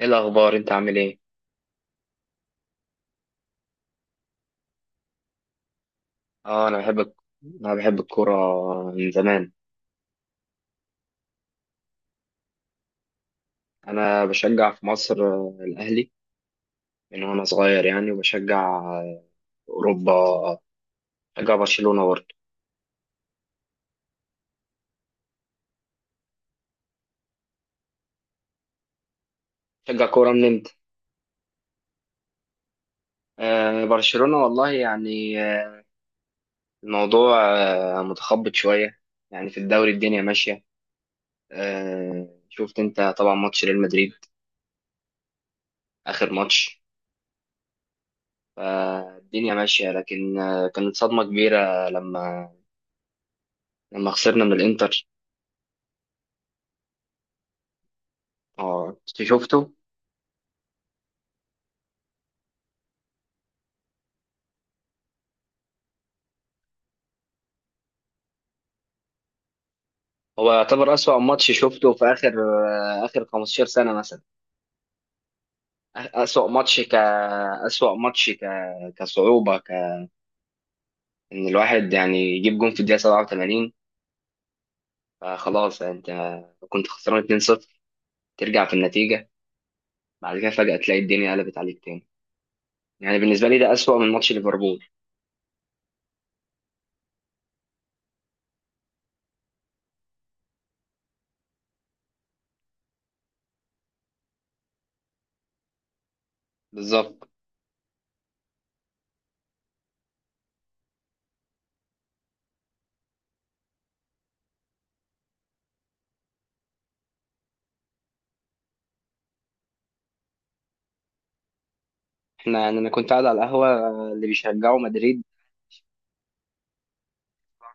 ايه الاخبار؟ انت عامل ايه؟ اه، انا انا بحب الكوره من زمان. انا بشجع في مصر الاهلي من وانا صغير، يعني. وبشجع في اوروبا، بشجع برشلونه برضه. بشجع كوره من امتى. برشلونه، والله يعني. الموضوع متخبط شويه، يعني في الدوري الدنيا ماشيه. شفت انت طبعا ماتش ريال مدريد، اخر ماتش. فالدنيا ماشيه، لكن كانت صدمه كبيره لما خسرنا من الانتر. اه، انت شفته. هو يعتبر أسوأ ماتش شفته في آخر 15 سنة مثلا. أسوأ ماتش ك أسوأ ماتش ك كصعوبة ك إن الواحد يعني يجيب جون في الدقيقة 87، فخلاص. أنت كنت خسران 2-0، ترجع في النتيجة، بعد كده فجأة تلاقي الدنيا قلبت عليك تاني. يعني بالنسبة لي ده أسوأ من ماتش ليفربول. بالظبط. احنا يعني أنا كنت قاعد على القهوة اللي بيشجعوا مدريد.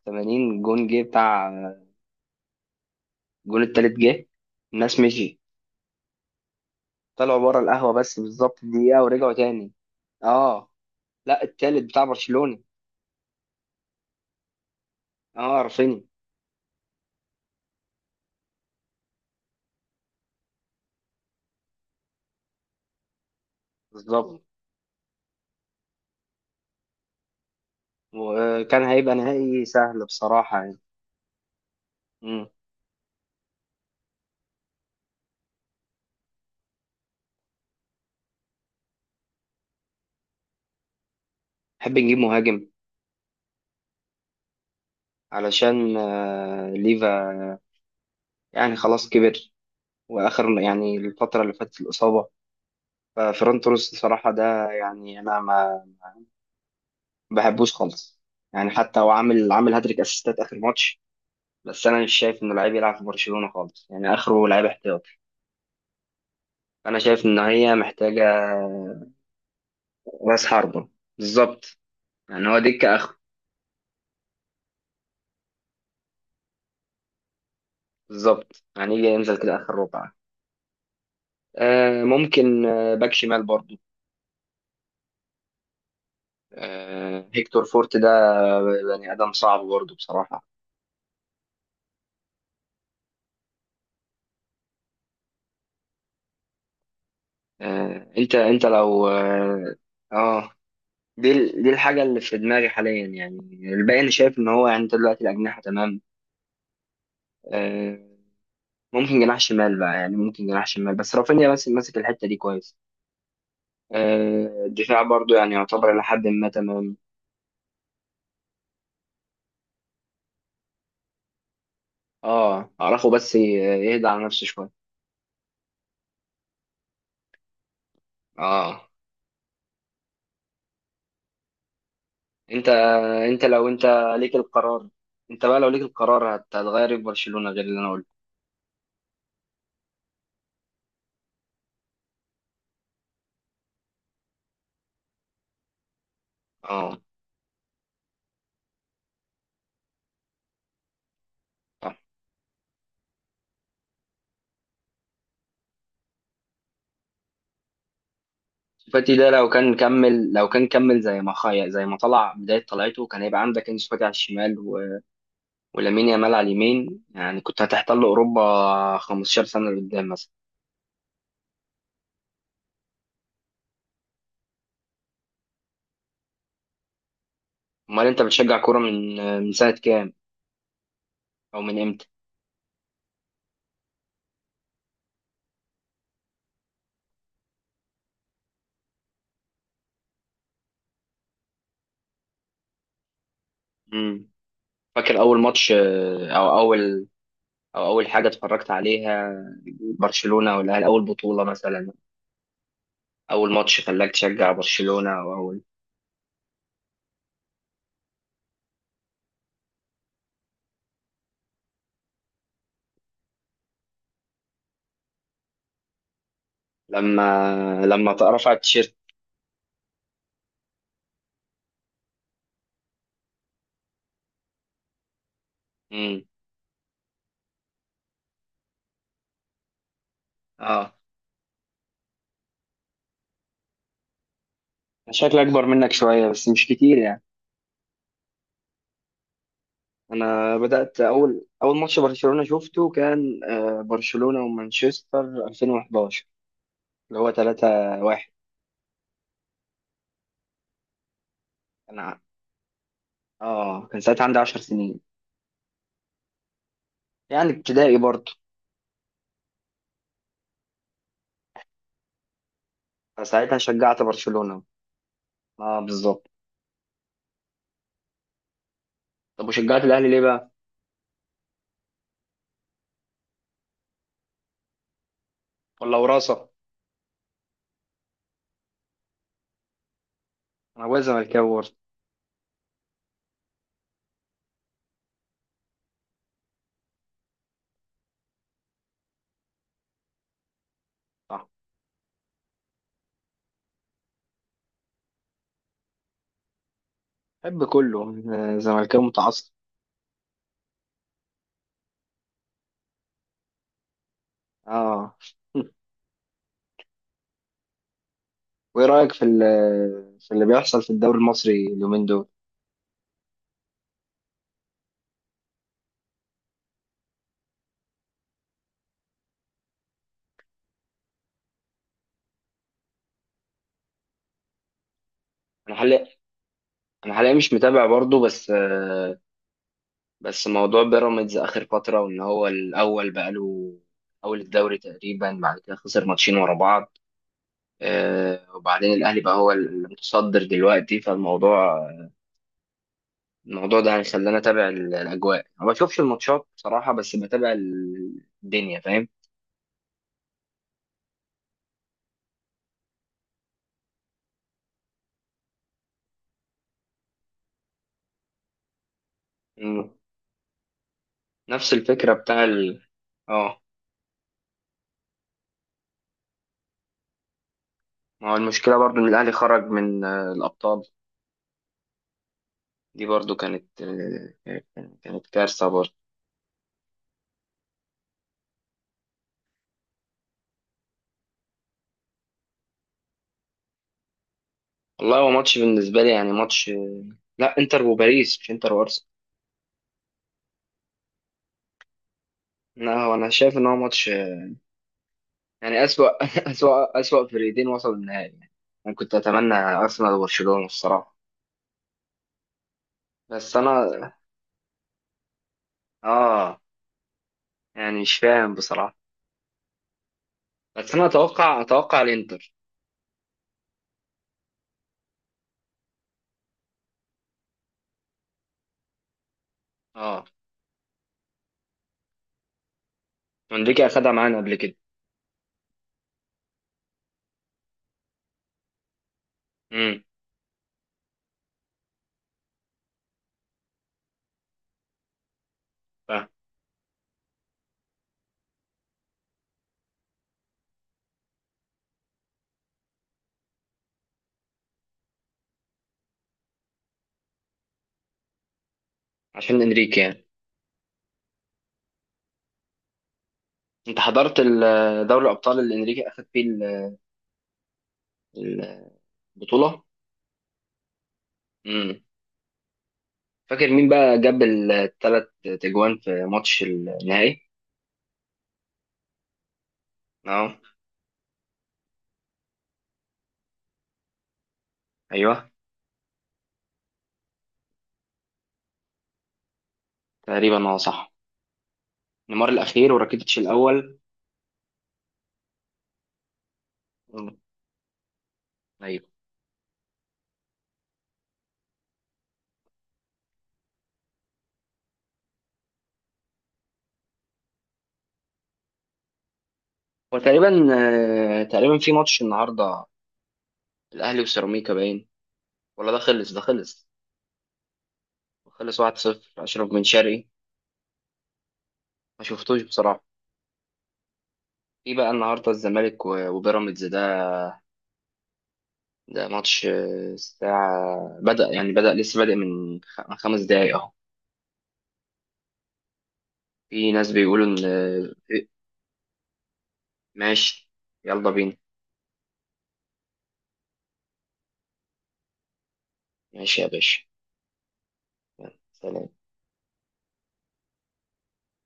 80 جون جه، بتاع الجون التالت جه، الناس مشيت، طلعوا بره القهوه، بس بالظبط دقيقه ورجعوا تاني. اه. لا، التالت بتاع برشلونه. اه، رافينيا. بالظبط. وكان هيبقى نهائي سهل بصراحه، يعني. مم. نحب نجيب مهاجم علشان ليفا يعني خلاص كبر، واخر يعني الفتره اللي فاتت الاصابه. ففرونت روس بصراحه، ده يعني انا ما بحبوش خالص. يعني حتى هو عامل هاتريك اسيستات اخر ماتش، بس انا مش شايف انه لعيب يلعب في برشلونه خالص، يعني اخره لعيب احتياط. انا شايف ان هي محتاجه راس حربه. بالظبط، يعني هو دكه اخر. بالظبط، يعني يجي ينزل كده اخر ربع. ممكن باك شمال برضو، هيكتور فورت ده. آه، بني ادم صعب برضو بصراحه. انت انت لو آه، دي الحاجه اللي في دماغي حاليا، يعني. الباقي انا شايف ان هو يعني انت دلوقتي الاجنحه تمام. آه ممكن جناح شمال بقى، يعني ممكن جناح شمال، بس رافينيا بس ماسك الحته دي كويس. الدفاع برضو يعني يعتبر إلى حد ما تمام. اه، أعرفه بس يهدى على نفسه شوية. اه. انت انت لو انت ليك القرار انت بقى لو ليك القرار، هتغير إيه في برشلونة غير اللي انا قلته؟ اه، صح. فاتي ده لو كان كمل، زي ما خايا، زي ما طلع بداية طلعته، كان هيبقى عندك انسو فاتي على الشمال، و... ولامين يامال على اليمين. يعني كنت هتحتل اوروبا 15 سنة لقدام، مثلا. امال انت بتشجع كورة من سنة كام، او من امتى؟ مم. فاكر اول ماتش، او اول حاجه اتفرجت عليها؟ برشلونه، ولا اول بطوله مثلا؟ اول ماتش خلاك تشجع برشلونه، او اول. لما رفع التيشيرت. امم. اه، شكلي اكبر منك شويه بس مش كتير، يعني. انا بدات اول ماتش برشلونه شفته كان برشلونه ومانشستر 2011، اللي هو 3-1. كان ع- اه، كان ساعتها عندي 10 سنين، يعني ابتدائي برضه. فساعتها شجعت برشلونه. اه، بالظبط. طب وشجعت الاهلي ليه بقى، ولا وراثه؟ انا ابويا زملكاوي برضه. صح. بحب كله، زملكاوي متعصب. اه. وايه رايك في اللي بيحصل في الدوري المصري اليومين دول؟ انا حاليا انا حاليا مش متابع برضه، بس بس موضوع بيراميدز اخر فتره، وان هو الاول بقاله اول الدوري تقريبا، بعد كده خسر ماتشين ورا بعض. وبعدين الاهلي بقى هو المتصدر دلوقتي. الموضوع ده هيخليني اتابع الاجواء. ما بشوفش الماتشات بصراحه، بس بتابع الدنيا، فاهم. مم. نفس الفكره بتاع ال... اه، ما هو المشكله برضو ان الاهلي خرج من الابطال. دي برضو كانت كانت كارثه برضو. والله هو ماتش بالنسبه لي، يعني ماتش لا، انتر وباريس، مش انتر وارسنال. لا، هو انا شايف ان هو ماتش يعني اسوأ اسوأ اسوأ فريقين وصلوا النهائي، يعني. انا كنت اتمنى ارسنال وبرشلونه الصراحه. بس انا اه يعني مش فاهم بصراحه. بس انا اتوقع الانتر. اه. انريكي اخدها معانا قبل كده. امم. فاهم. عشان انريكي، يعني. انت حضرت دوري الابطال اللي انريكي اخد فيه البطوله؟ امم. فاكر مين بقى جاب ال3 تجوان في ماتش النهائي؟ اه. ايوه. تقريبا، اه، صح. نيمار الاخير وراكيتيتش الاول. مم. ايوه. هو تقريبا تقريبا في ماتش النهارده الاهلي وسيراميكا، باين ولا ده خلص؟ ده خلص، خلص 1-0، اشرف بن شرقي. ما شفتوش بصراحه. في بقى النهارده الزمالك وبيراميدز ده. ده ماتش الساعة بدأ، يعني لسه بادئ من من 5 دقايق اهو. في ناس بيقولوا ان ماشي. يلا بينا. ماشي يا باشا. يلا سلام.